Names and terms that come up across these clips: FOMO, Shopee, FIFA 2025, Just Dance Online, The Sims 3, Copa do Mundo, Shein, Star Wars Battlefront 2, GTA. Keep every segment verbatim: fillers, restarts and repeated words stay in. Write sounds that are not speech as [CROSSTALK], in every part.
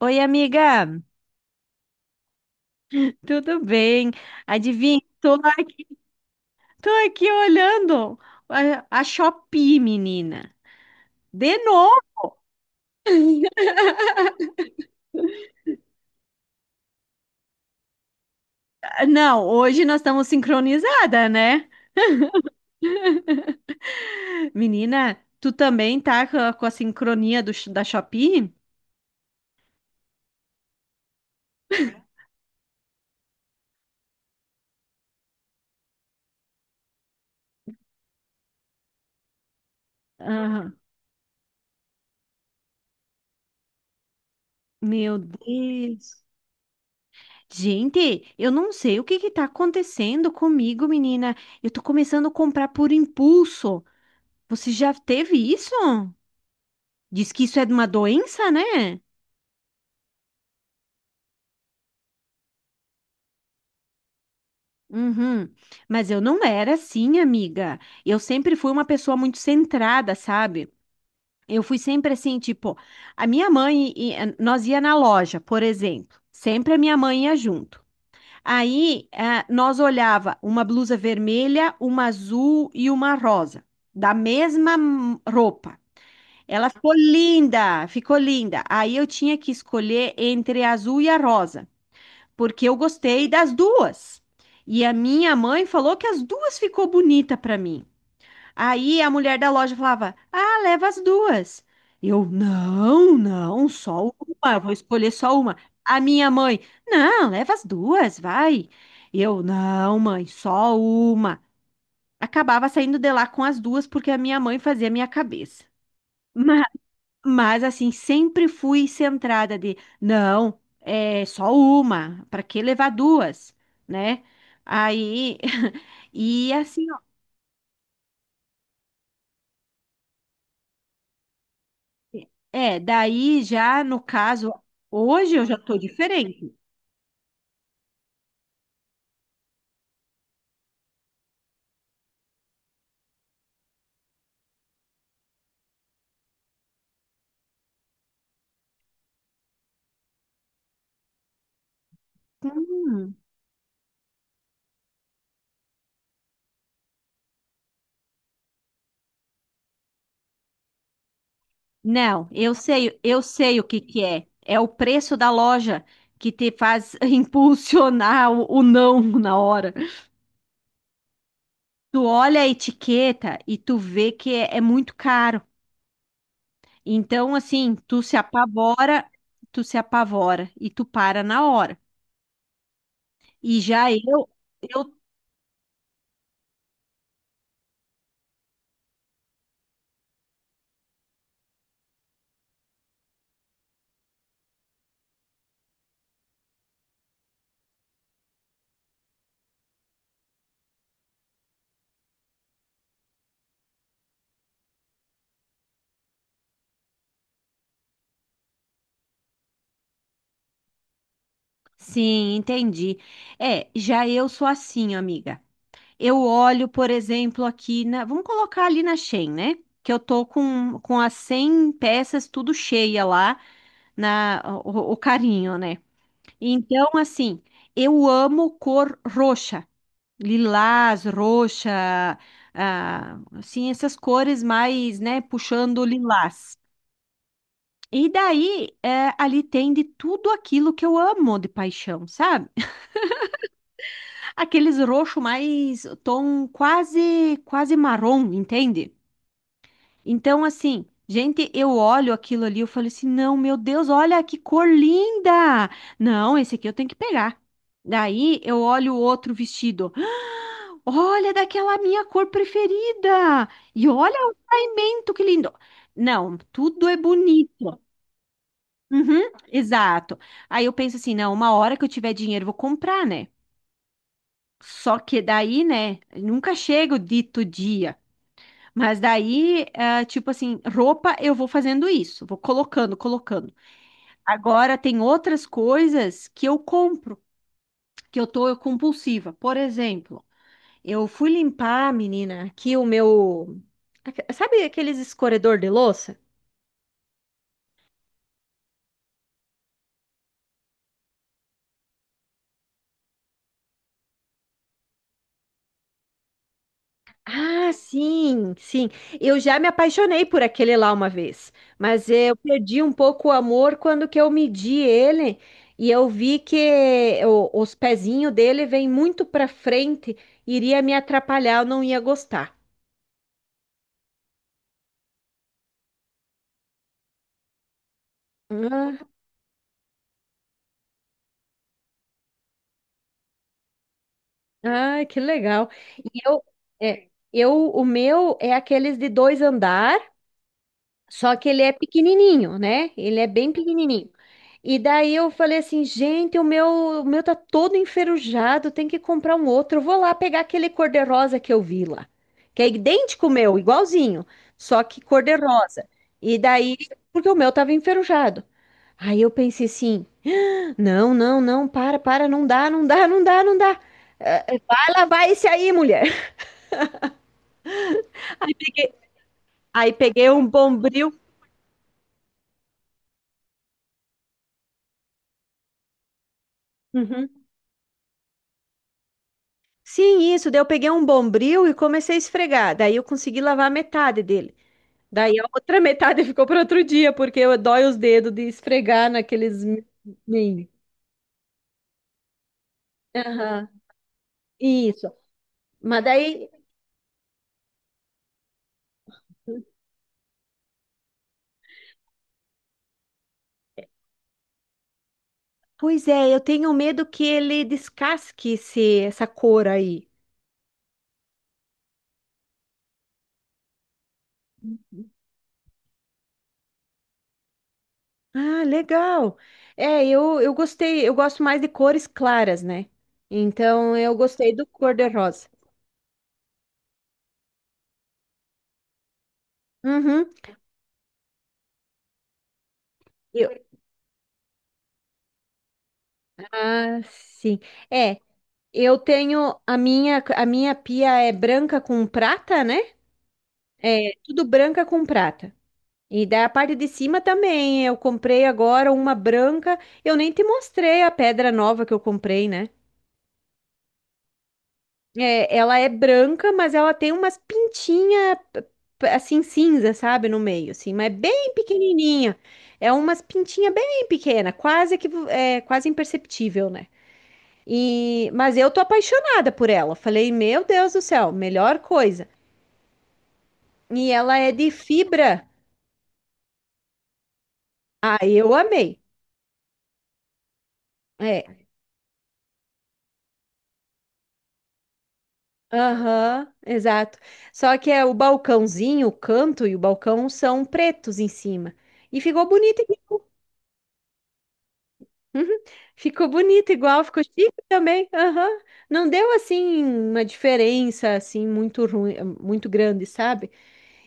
Oi, amiga, tudo bem? Adivinha, tô aqui, tô aqui olhando a, a Shopee, menina. De novo? [LAUGHS] Não, hoje nós estamos sincronizada, né? Menina, tu também tá com a, com a sincronia do sh- da Shopee? Aham. Meu Deus. Gente, eu não sei o que que tá acontecendo comigo, menina. Eu tô começando a comprar por impulso. Você já teve isso? Diz que isso é uma doença, né? Uhum. Mas eu não era assim, amiga. Eu sempre fui uma pessoa muito centrada, sabe? Eu fui sempre assim, tipo, a minha mãe, e- e- nós ia na loja, por exemplo. Sempre a minha mãe ia junto. Aí, ah, nós olhava uma blusa vermelha, uma azul e uma rosa, da mesma hum, roupa. Ela ficou linda, ficou linda. Aí eu tinha que escolher entre a azul e a rosa porque eu gostei das duas. E a minha mãe falou que as duas ficou bonita para mim. Aí a mulher da loja falava: "Ah, leva as duas". Eu: "Não, não, só uma, eu vou escolher só uma". A minha mãe: "Não, leva as duas, vai". Eu: "Não, mãe, só uma". Acabava saindo de lá com as duas porque a minha mãe fazia a minha cabeça. Mas assim, sempre fui centrada de, não, é só uma, para que levar duas, né? Aí, [LAUGHS] e assim, ó, é, daí já no caso, hoje eu já tô diferente. Hum, não, eu sei, eu sei o que que é. É o preço da loja que te faz [LAUGHS] impulsionar o, o não na hora. Tu olha a etiqueta e tu vê que é é muito caro. Então, assim, tu se apavora, tu se apavora e tu para na hora. E já eu, eu sim, entendi. É, já eu sou assim, amiga. Eu olho, por exemplo, aqui na, vamos colocar ali na Shein, né? Que eu tô com, com as cem peças tudo cheia lá na o, o carinho, né? Então, assim, eu amo cor roxa. Lilás, roxa, ah, assim, essas cores mais, né, puxando o lilás. E daí, é, ali tem de tudo aquilo que eu amo de paixão, sabe? Aqueles roxo mais tom quase, quase marrom, entende? Então, assim, gente, eu olho aquilo ali, eu falo assim, não, meu Deus, olha que cor linda! Não, esse aqui eu tenho que pegar. Daí eu olho o outro vestido. "Ah, olha daquela minha cor preferida! E olha o caimento, que lindo! Não, tudo é bonito. Uhum, exato. Aí eu penso assim, não, uma hora que eu tiver dinheiro, eu vou comprar, né? Só que daí, né, nunca chega o dito dia. Mas daí, ah, tipo assim, roupa eu vou fazendo isso, vou colocando, colocando. Agora tem outras coisas que eu compro, que eu tô compulsiva. Por exemplo, eu fui limpar, menina, aqui o meu, aque- sabe aqueles escorredor de louça? Ah, sim, sim. Eu já me apaixonei por aquele lá uma vez, mas eu perdi um pouco o amor quando que eu medi ele e eu vi que o- os pezinhos dele vêm muito para frente, iria me atrapalhar, eu não ia gostar. Ah, ah, que legal. E eu, é, eu, o meu é aqueles de dois andares. Só que ele é pequenininho, né? Ele é bem pequenininho. E daí eu falei assim, gente, o meu, o meu tá todo enferrujado, tem que comprar um outro. Eu vou lá pegar aquele cor-de-rosa que eu vi lá, que é idêntico ao meu, igualzinho, só que cor-de-rosa. E daí, porque o meu tava enferrujado. Aí eu pensei assim, não, não, não, para, para, não dá, não dá, não dá, não dá. Eh, eh, Vai lavar esse aí, mulher. Aí peguei um bombril. Uhum. Sim, isso. Daí eu peguei um bombril e comecei a esfregar. Daí eu consegui lavar metade dele. Daí a outra metade [LAUGHS] ficou para outro dia, porque eu dói os dedos de esfregar naqueles mini. Aham, isso. Mas daí, pois é, eu tenho medo que ele descasque esse, essa cor aí. Ah, legal. É, eu, eu gostei, eu gosto mais de cores claras, né? Então eu gostei do cor-de-rosa. Uhum. Eu- ah, sim. É. Eu tenho a minha a minha pia é branca com prata, né? É tudo branca com prata. E daí a parte de cima também. Eu comprei agora uma branca. Eu nem te mostrei a pedra nova que eu comprei, né? É, ela é branca, mas ela tem umas pintinhas assim cinza, sabe, no meio, assim, mas bem pequenininha. É umas pintinhas bem pequena, quase que é quase imperceptível, né? E, mas eu tô apaixonada por ela. Falei, meu Deus do céu, melhor coisa. E ela é de fibra. Ah, eu amei. É, aham, exato. Só que é o balcãozinho, o canto e o balcão são pretos em cima. E ficou bonito. Igual. Uhum. Ficou bonito igual, ficou chique também. Aham. Não deu assim uma diferença assim muito ruim, muito grande, sabe?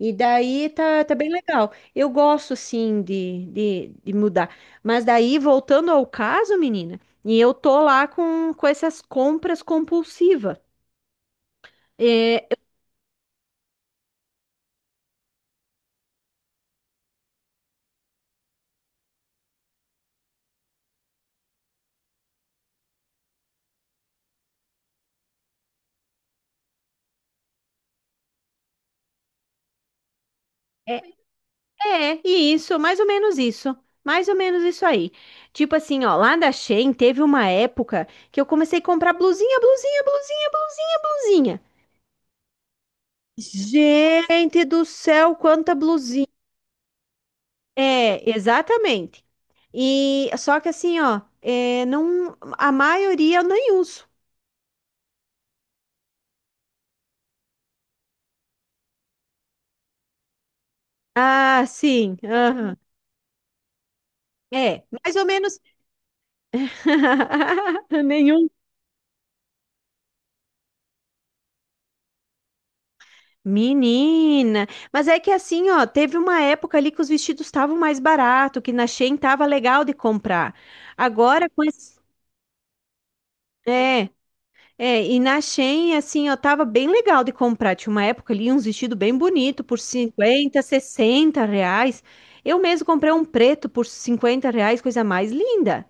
E daí tá, tá bem legal. Eu gosto, sim, de, de, de mudar. Mas daí, voltando ao caso, menina, e eu tô lá com, com essas compras compulsivas. É, é, é, isso, mais ou menos isso. Mais ou menos isso aí. Tipo assim, ó, lá da Shein teve uma época que eu comecei a comprar blusinha, blusinha, blusinha, blusinha, blusinha. Gente do céu, quanta blusinha! É, exatamente. E só que assim, ó, é, não, a maioria eu nem uso. Ah, sim. Aham. É, mais ou menos. [LAUGHS] Nenhum. Menina, mas é que assim, ó, teve uma época ali que os vestidos estavam mais barato, que na Shein tava legal de comprar. Agora com esse, é, é, e na Shein, assim, ó, tava bem legal de comprar. Tinha uma época ali, uns vestidos bem bonito por cinquenta, sessenta reais. Eu mesmo comprei um preto por cinquenta reais, coisa mais linda.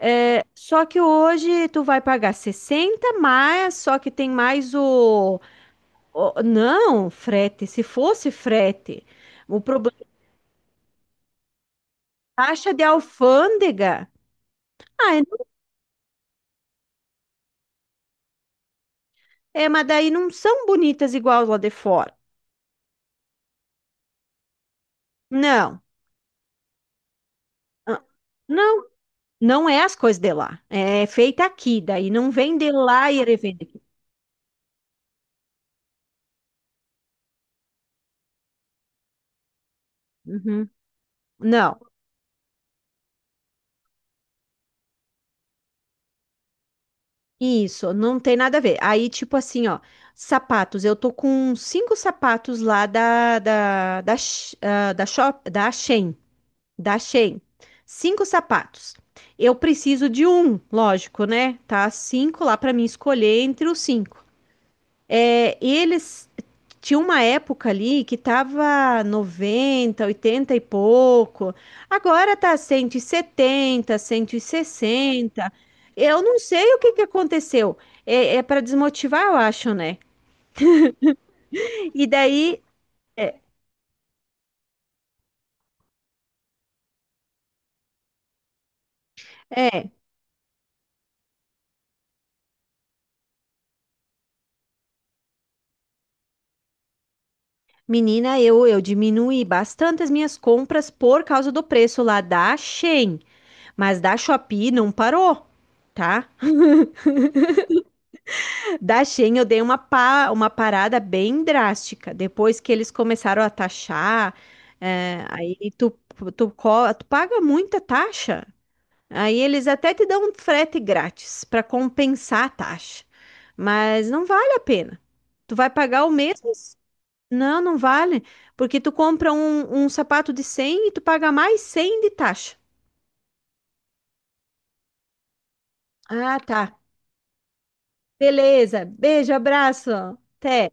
É, só que hoje tu vai pagar sessenta mas só que tem mais o, o- não, frete, se fosse frete. O problema é taxa de alfândega. Ah, é, é, mas daí não são bonitas igual lá de fora. Não. Ah, não. Não é as coisas de lá, é feita aqui, daí não vem de lá e ele vende aqui. Uhum. Não, isso, não tem nada a ver. Aí, tipo assim, ó, sapatos, eu tô com cinco sapatos lá da, da, da, Sh- ah, da, shop, da Shein, da Shein, cinco sapatos. Eu preciso de um, lógico, né? Tá cinco lá pra mim escolher entre os cinco. É, e eles tinha uma época ali que tava noventa, oitenta e pouco. Agora tá cento e setenta, cento e sessenta. Eu não sei o que que aconteceu. É, é para desmotivar, eu acho, né? E daí, é, é, menina, eu eu diminuí bastante as minhas compras por causa do preço lá da Shein, mas da Shopee não parou, tá? Da Shein eu dei uma, pa- uma parada bem drástica. Depois que eles começaram a taxar, é, aí tu, tu, co- tu paga muita taxa. Aí eles até te dão um frete grátis para compensar a taxa. Mas não vale a pena. Tu vai pagar o mesmo? Não, não vale. Porque tu compra um, um sapato de cem e tu paga mais cem de taxa. Ah, tá. Beleza. Beijo, abraço. Até.